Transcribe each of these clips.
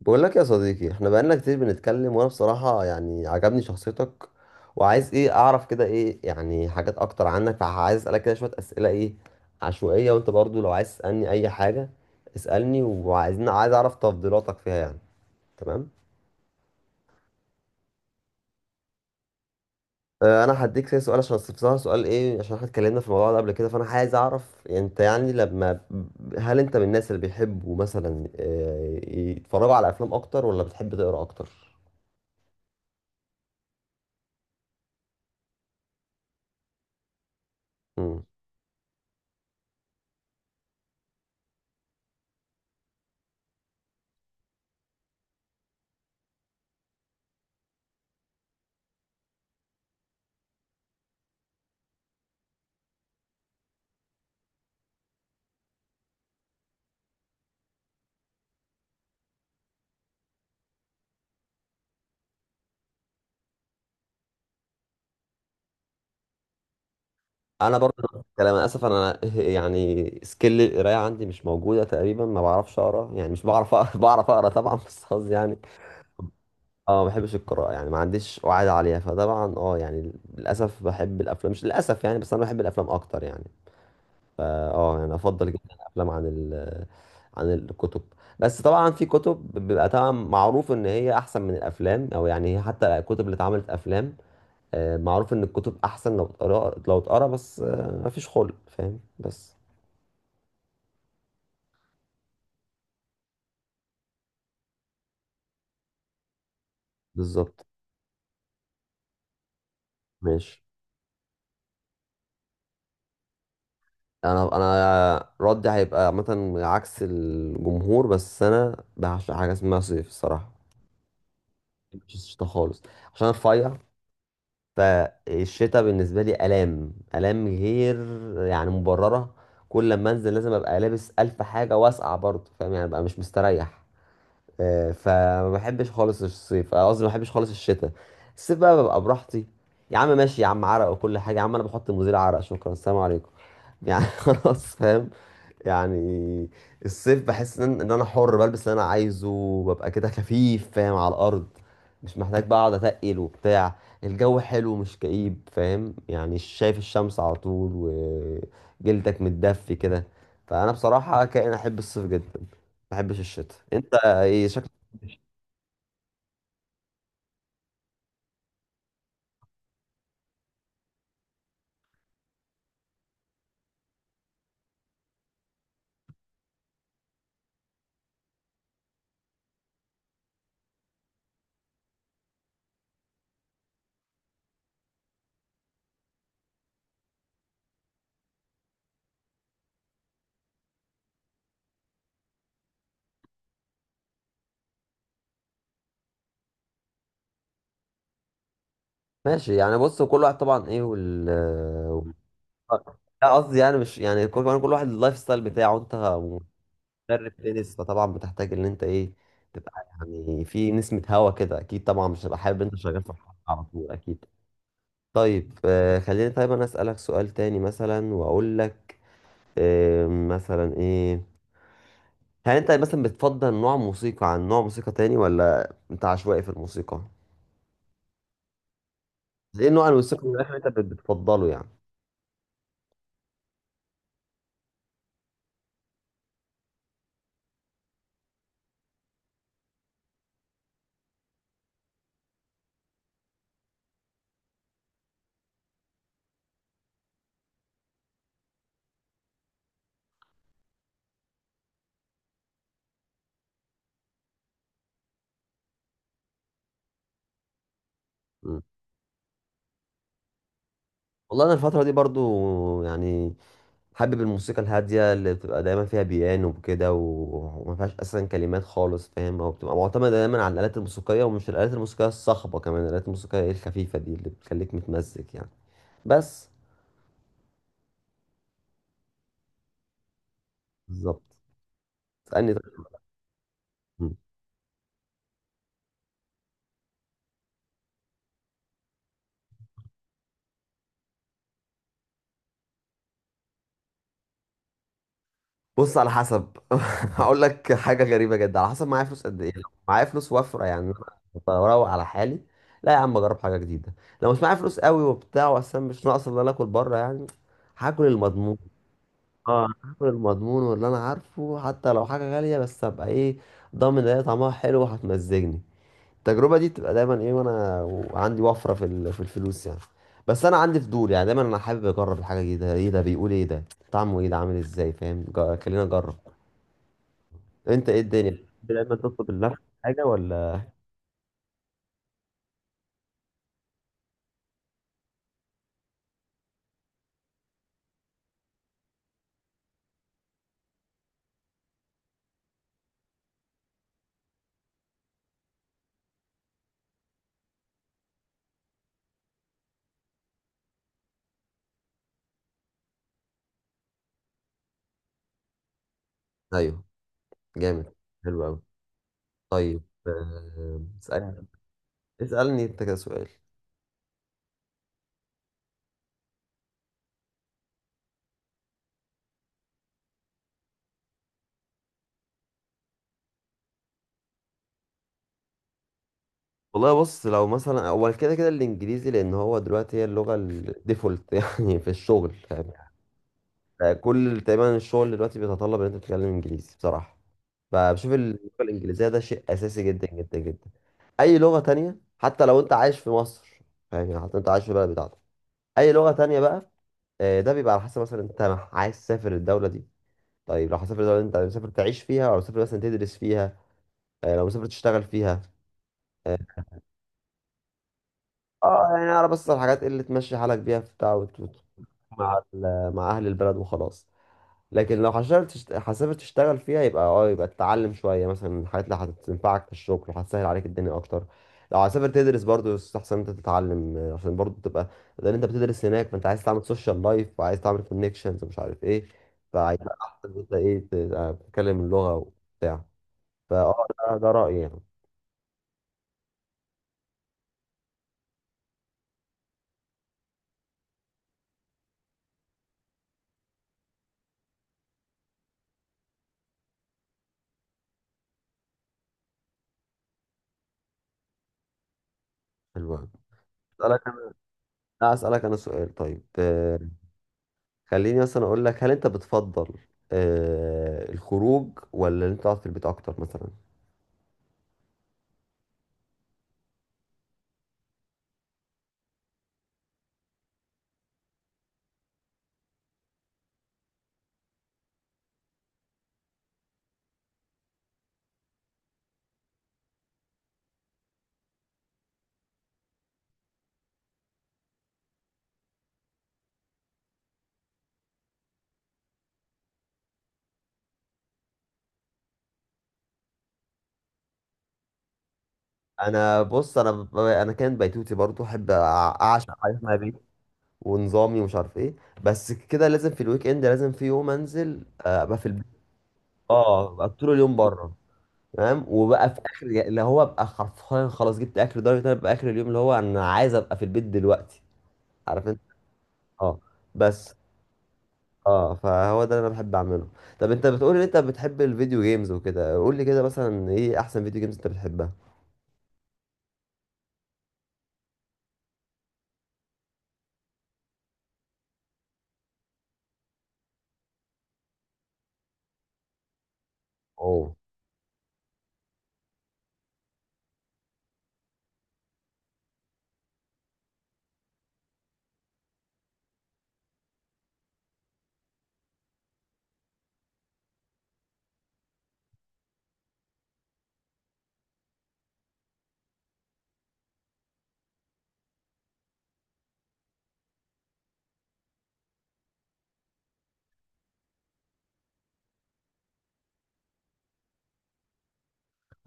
بقول لك يا صديقي، احنا بقالنا كتير بنتكلم وانا بصراحة يعني عجبني شخصيتك. وعايز ايه اعرف كده ايه يعني حاجات اكتر عنك، فعايز اسألك كده شوية اسئلة ايه عشوائية. وانت برضو لو عايز تسألني اي حاجة اسألني. وعايزين عايز اعرف تفضيلاتك فيها يعني. تمام. اه، انا هديك كده سؤال عشان بصراحة سؤال ايه، عشان احنا اتكلمنا في الموضوع ده قبل كده، فانا عايز اعرف انت يعني لما... هل انت من الناس اللي بيحبوا مثلا يتفرجوا على افلام اكتر، ولا بتحب تقرا اكتر؟ انا برضه نفس الكلام. انا اسف، انا يعني سكيل القرايه عندي مش موجوده تقريبا، ما بعرفش اقرا، يعني مش بعرف اقرا بعرف اقرا طبعا، بس قصدي يعني اه، ما بحبش القراءه يعني، ما عنديش وعي عليها. فطبعا اه، يعني للاسف بحب الافلام، مش للاسف يعني، بس انا بحب الافلام اكتر يعني. فا اه يعني افضل جدا الافلام عن الكتب. بس طبعا في كتب بيبقى طبعا معروف ان هي احسن من الافلام، او يعني حتى الكتب اللي اتعملت افلام، معروف ان الكتب احسن لو اتقرا لو اتقرا، بس مفيش خلق فاهم بس. بالظبط. ماشي. انا ردي هيبقى مثلا عكس الجمهور، بس انا بعشق حاجه اسمها صيف الصراحه. مش الشتا خالص. عشان أنا رفيع. فالشتا بالنسبه لي الام الام، غير يعني مبرره. كل لما انزل لازم ابقى لابس الف حاجه واسقع برضه، فاهم يعني؟ ابقى مش مستريح. فما بحبش خالص الصيف، قصدي ما بحبش خالص الشتاء. الصيف بقى ببقى براحتي. يا عم ماشي يا عم، عرق وكل حاجة يا عم، انا بحط مزيل عرق، شكرا، السلام عليكم. يعني خلاص فاهم. يعني الصيف بحس إن انا حر، بلبس اللي انا عايزه وببقى كده خفيف فاهم على الارض. مش محتاج بقى اقعد اتقل وبتاع. الجو حلو مش كئيب، فاهم يعني؟ شايف الشمس على طول، وجلدك متدفي كده. فانا بصراحة كائن احب الصيف جدا، ما بحبش الشتاء. انت ايه شكلك؟ ماشي يعني، بص كل واحد طبعا ايه وال وال- لا، قصدي يعني مش، يعني كل، كمان كل واحد اللايف ستايل بتاعه. انت مدرب تنس، فطبعا بتحتاج ان انت ايه تبقى يعني في نسمة هوا كده اكيد. طبعا مش هبقى حابب انت شغال في الحر على طول، اكيد. طيب خليني، طيب انا اسألك سؤال تاني مثلا، واقول لك مثلا ايه. هل انت مثلا بتفضل نوع موسيقى عن نوع موسيقى تاني، ولا انت عشوائي في الموسيقى؟ ايه نوع الموسيقى اللي انت بتفضله يعني؟ والله انا الفتره دي برضو يعني حابب الموسيقى الهاديه اللي بتبقى دايما فيها بيانو وكده، وما فيهاش اصلا كلمات خالص فاهم، او بتبقى معتمده دايما على الالات الموسيقيه، ومش الالات الموسيقيه الصاخبه، كمان الالات الموسيقيه إيه الخفيفه دي اللي بتخليك متمزج يعني. بس. بالظبط. اسالني طيب. مم. بص على حسب. هقول لك حاجه غريبه جدا، على حسب معايا فلوس قد ايه. لو معايا فلوس وفره يعني، أنا بروق على حالي. لا يا عم، اجرب حاجه جديده. لو مش معايا فلوس قوي وبتاع، واصلا مش ناقص الا انا اكل بره يعني، هاكل المضمون. اه، هاكل المضمون واللي انا عارفه، حتى لو حاجه غاليه بس ابقى ايه ضامن ان هي طعمها حلو وهتمزجني. التجربه دي بتبقى دايما ايه، وانا وعندي وفره في الفلوس يعني. بس انا عندي فضول يعني، دايما انا حابب اجرب الحاجه جديده، ايه ده بيقول؟ ايه ده طعمه ايه؟ ده عامل ازاي؟ فاهم، خلينا اجرب. انت ايه الدنيا، بتحب دايما تطلب لنفسك حاجه ولا؟ ايوه. جامد. حلو قوي. طيب اسالني. اسالني انت كده سؤال. والله بص، لو مثلا اول كده كده الانجليزي، لان هو دلوقتي هي اللغه الديفولت يعني في الشغل فاهم. يعني كل تقريبا الشغل دلوقتي بيتطلب ان انت تتكلم انجليزي بصراحه. فبشوف اللغه الانجليزيه ده شيء اساسي جدا جدا جدا. اي لغه تانية حتى لو انت عايش في مصر، فاهم يعني؟ حتى انت عايش في البلد بتاعتك، اي لغه تانية بقى، ده بيبقى على حسب مثلا انت عايز تسافر الدوله دي. طيب لو هتسافر الدوله اللي انت مسافر تعيش فيها، او مسافر مثلا تدرس فيها، لو مسافر تشتغل فيها، آه، اه يعني اعرف بس الحاجات اللي تمشي حالك بيها في بتاع مع اهل البلد وخلاص. لكن لو حشرت حسبت تشتغل فيها، يبقى يبقى تتعلم شويه مثلا الحاجات اللي هتنفعك في الشغل وهتسهل عليك الدنيا اكتر. لو هتسافر تدرس برضه يستحسن انت تتعلم، عشان برضه تبقى، لان انت بتدرس هناك، فانت عايز تعمل سوشيال لايف وعايز تعمل كونكشنز ومش عارف ايه. فهيبقى احسن إن انت ايه تبقى بتتكلم اللغه وبتاع. ده رايي يعني. حلو أوي. اسالك انا. لا، اسالك انا سؤال طيب. خليني مثلا اقول لك، هل انت بتفضل الخروج ولا ان انت تقعد في البيت اكتر مثلا؟ انا بص، انا كان بيتوتي برضو، احب اعشق حاجه اسمها بيت، ونظامي ومش عارف ايه. بس كده لازم في الويك اند، لازم في يوم انزل، ابقى في البيت، اه، ابقى طول اليوم بره. تمام، وبقى في اخر اللي هو، ابقى حرفيا خلاص جبت اخر درجه إن انا ابقى اخر اليوم اللي هو انا عايز ابقى في البيت دلوقتي، عارف انت؟ اه. بس اه، فهو ده اللي انا بحب اعمله. طب انت بتقول ان انت بتحب الفيديو جيمز وكده، قول لي كده مثلا ايه احسن فيديو جيمز انت بتحبها؟ اوه،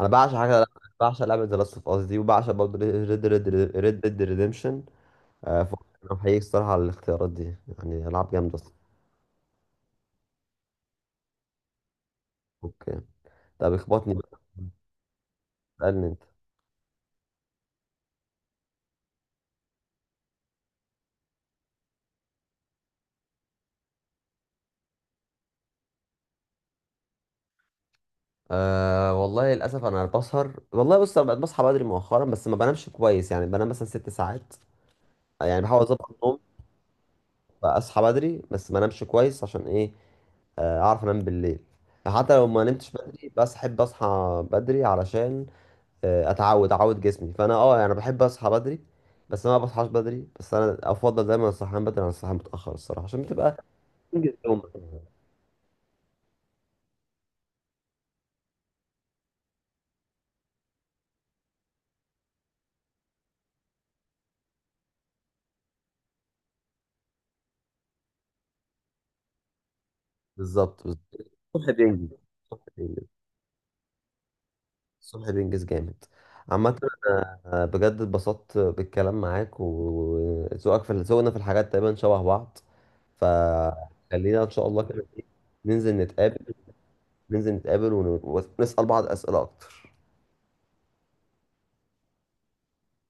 انا بعشق حاجه، بعشق لعبه ذا لاست اوف اس دي، وبعشق برضه ريد ديد ريديمشن. فانا بحييك الصراحه على الاختيارات دي. يعني العاب جامده الصراحة. اوكي. طب اخبطني بقى. اسالني انت. أه والله للاسف انا بسهر. والله بص، انا بقيت بصحى بدري مؤخرا بس ما بنامش كويس، يعني بنام مثلا 6 ساعات. يعني بحاول اظبط النوم، بقى اصحى بدري بس ما انامش كويس. عشان ايه؟ اعرف انام بالليل. حتى لو ما نمتش بدري بس احب اصحى بدري علشان اتعود اعود جسمي. فانا اه يعني بحب اصحى بدري، بس انا ما بصحاش بدري. بس انا افضل دايما الصحيان بدري عن الصحيان متاخر، الصراحه عشان بتبقى انجز يومك. بالظبط بالظبط. الصبح بينجز. الصبح بينجز. الصبح بينجز جامد، عامة. أنا بجد اتبسطت بالكلام معاك، وذوقك في ذوقنا في الحاجات تقريبا شبه بعض. فخلينا ان شاء الله كده إيه، ننزل نتقابل ننزل نتقابل ونسأل بعض أسئلة أكتر.